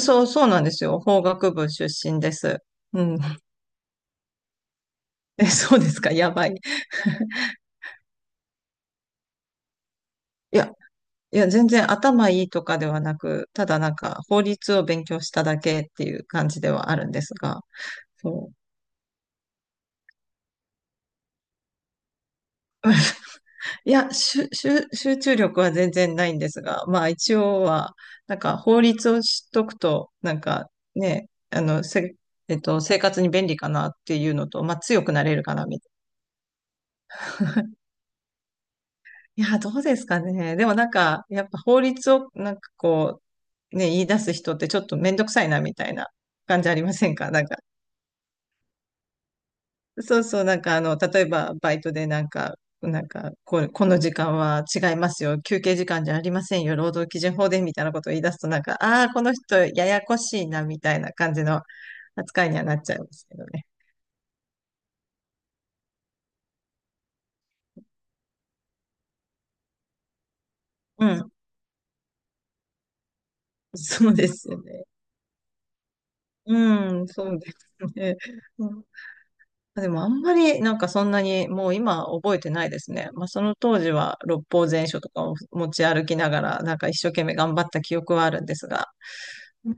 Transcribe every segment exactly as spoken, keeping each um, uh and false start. そう、そうなんですよ。法学部出身です。うん。え、そうですか。やばい。いや、いや、全然頭いいとかではなく、ただなんか法律を勉強しただけっていう感じではあるんですが、そう。いや、集ゅしゅ集中力は全然ないんですが、まあ一応は、なんか法律を知っとくと、なんかね、あの、せ、えっと、生活に便利かなっていうのと、まあ強くなれるかな、みたいな。いや、どうですかね。でもなんか、やっぱ法律をなんかこう、ね、言い出す人ってちょっとめんどくさいなみたいな感じありませんかなんか、そうそう、なんかあの、例えばバイトでなんか、なんかこれ、この時間は違いますよ。休憩時間じゃありませんよ。労働基準法でみたいなことを言い出すとなんか、ああ、この人ややこしいなみたいな感じの扱いにはなっちゃいますけどね。うん。そうですよね。うん、そうですね。でもあんまりなんかそんなにもう今覚えてないですね。まあその当時は六法全書とかを持ち歩きながらなんか一生懸命頑張った記憶はあるんですが、うん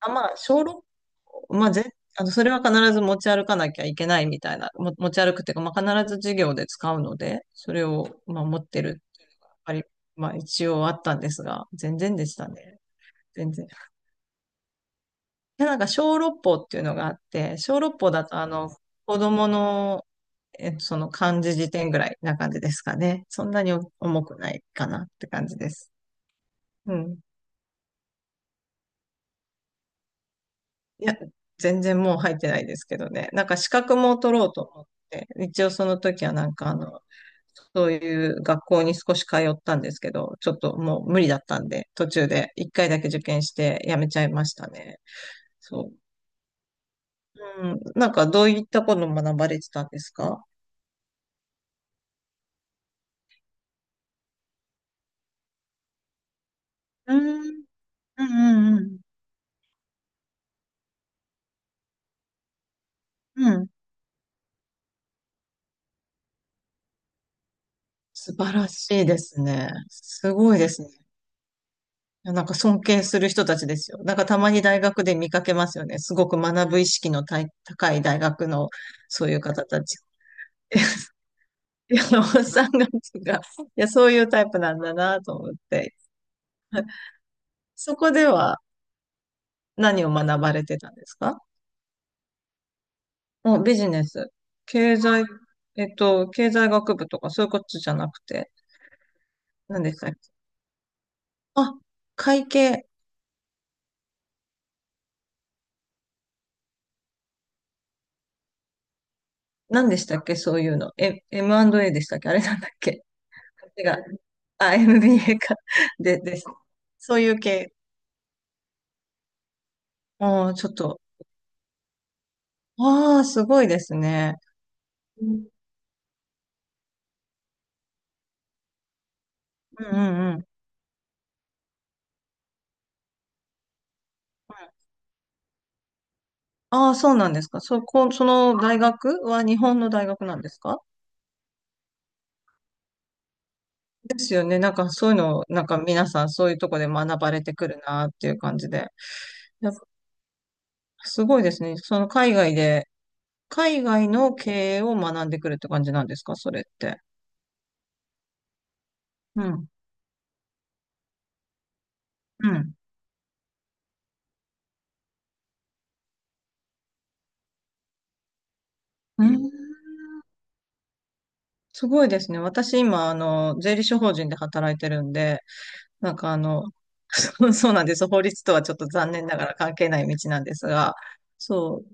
あ、まあ小六法、まあぜ、あのそれは必ず持ち歩かなきゃいけないみたいな、も持ち歩くっていうか、まあ必ず授業で使うので、それをまあ持ってるっていうのがやっぱり、まあ一応あったんですが、全然でしたね。全然。で、なんか小六法っていうのがあって、小六法だとあの、子供の、えっと、その漢字辞典ぐらいな感じですかね。そんなに重くないかなって感じです。うん。いや、全然もう入ってないですけどね。なんか資格も取ろうと思って、一応その時はなんかあの、そういう学校に少し通ったんですけど、ちょっともう無理だったんで、途中で一回だけ受験してやめちゃいましたね。そう。うん。なんかどういったことを学ばれてたんですか？うん。うんうんうん。うん。素晴らしいですね。すごいですね。いやなんか尊敬する人たちですよ。なんかたまに大学で見かけますよね。すごく学ぶ意識のたい高い大学のそういう方たち。山本さんが、がいや、そういうタイプなんだなと思って。そこでは何を学ばれてたんですか？もうビジネス。経済、えっと、経済学部とかそういうことじゃなくて、何でしたっけ？あ、会計。何でしたっけそういうの。え、エムアンドエー でしたっけ、あれなんだっけ？ 違う。あ、エムビーエー か。で、です。そういう系。ああ、ちょっと。ああ、すごいですね。うんうんうん。うん。ああ、そうなんですか。そこ、その大学は日本の大学なんですか？ですよね。なんかそういうのを、なんか皆さんそういうとこで学ばれてくるなっていう感じで。やっぱすごいですね。その海外で、海外の経営を学んでくるって感じなんですかそれって？うん。うん。うん、すごいですね。私今、あの、税理士法人で働いてるんで、なんかあの、そうそうなんです。法律とはちょっと残念ながら関係ない道なんですが、そう。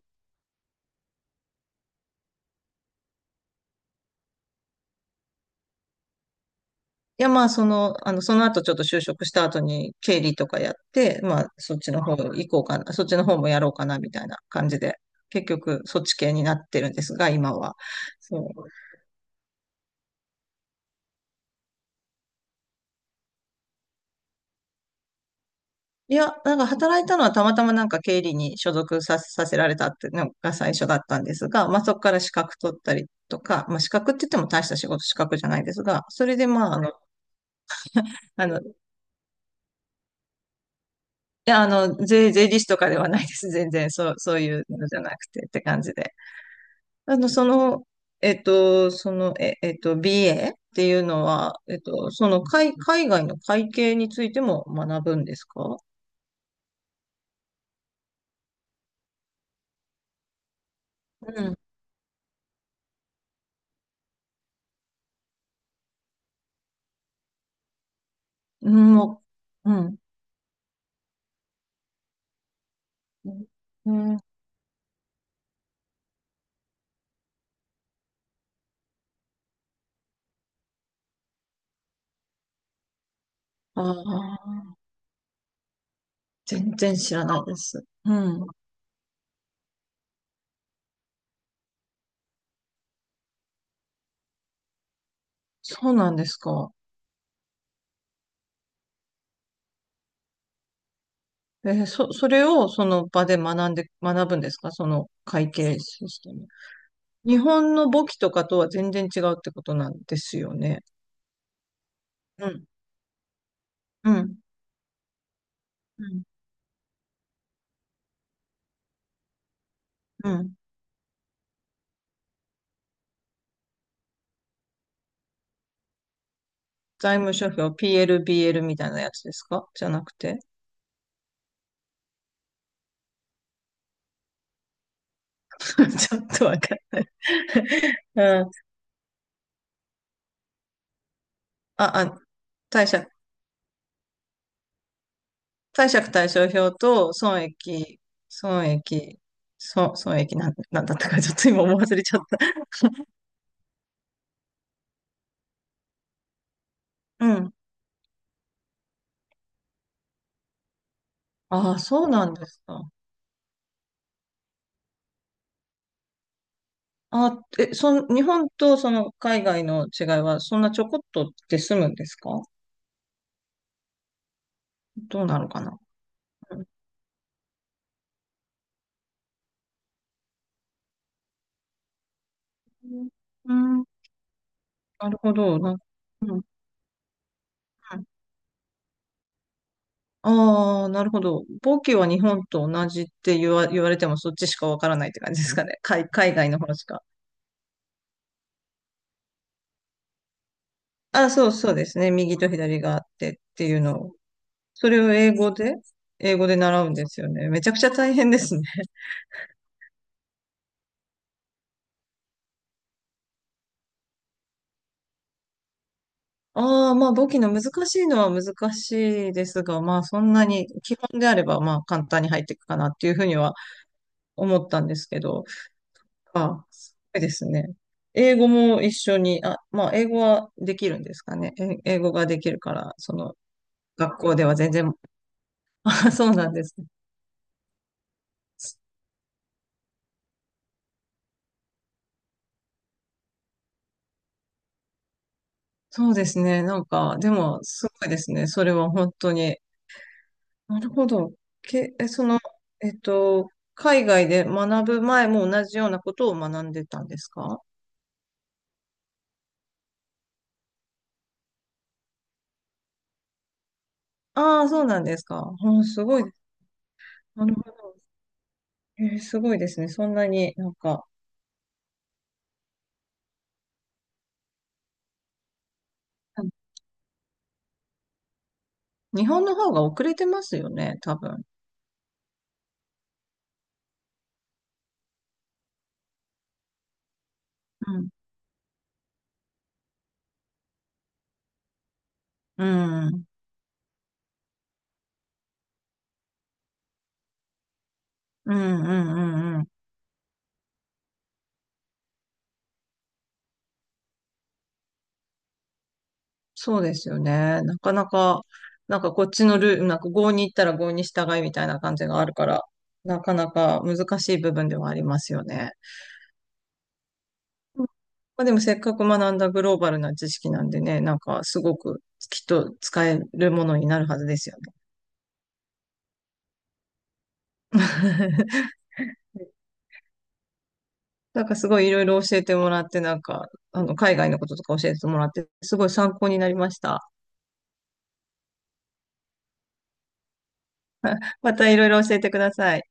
いや、まあ、その、あの、その後ちょっと就職した後に経理とかやって、まあ、そっちの方行こうかな、そっちの方もやろうかな、みたいな感じで、結局、そっち系になってるんですが、今は。そう。いや、なんか働いたのはたまたまなんか経理に所属さ、させられたっていうのが最初だったんですが、まあそこから資格取ったりとか、まあ資格って言っても大した仕事資格じゃないですが、それでまああの、あの、いや、あの、税、税理士とかではないです。全然、そう、そういうのじゃなくてって感じで。あの、その、えっと、その、え、えっと、ビーエー っていうのは、えっと、その海、海外の会計についても学ぶんですか？うん。うん、もう、うん。うん。ああ。全然知らないです。うん。そうなんですか。えーそ、それをその場で学んで、学ぶんですかその会計システム？日本の簿記とかとは全然違うってことなんですよね。うん。うん。うん。うん財務諸表 ピーエル、ビーエル みたいなやつですか、じゃなくて。ちょっとわかんない。うん。あ、あ、貸借、貸借対照表と損益、損益、損、損益なん、なんだったか、ちょっと今もう忘れちゃった。うん。ああ、そうなんですか。あえ、そん、日本とその海外の違いは、そんなちょこっとで済むんですか？どうなのかな？うん、うん、なるほど。な、うん、ああー、なるほど。簿記は日本と同じって言わ、言われても、そっちしかわからないって感じですかね。海、海外の方しか。あ、そうそうですね。右と左があってっていうのを。それを英語で、英語で習うんですよね。めちゃくちゃ大変ですね。ああ、まあ簿記の難しいのは難しいですが、まあそんなに基本であればまあ簡単に入っていくかなっていうふうには思ったんですけど、ああ、すごいですね。英語も一緒に、あ、まあ英語はできるんですかね。え英語ができるから、その学校では全然、あそうなんです。そうですね。なんか、でもすごいですね。それは本当に。なるほど。け、え、その、えっと、海外で学ぶ前も同じようなことを学んでたんですか？ああ、そうなんですか。うん、すごい。なるほど。えーすごいですね。そんなになんか、うん日本の方が遅れてますよね、多分。うん。うん。うん、うん、うん、うん。そうですよね。なかなか、なんかこっちのルール、なんか郷に行ったら郷に従いみたいな感じがあるから、なかなか難しい部分ではありますよね。うん、まあ、でもせっかく学んだグローバルな知識なんでね、なんかすごくきっと使えるものになるはずですよね。なんかすごいいろいろ教えてもらって、なんか、あの、海外のこととか教えてもらって、すごい参考になりました。またいろいろ教えてください。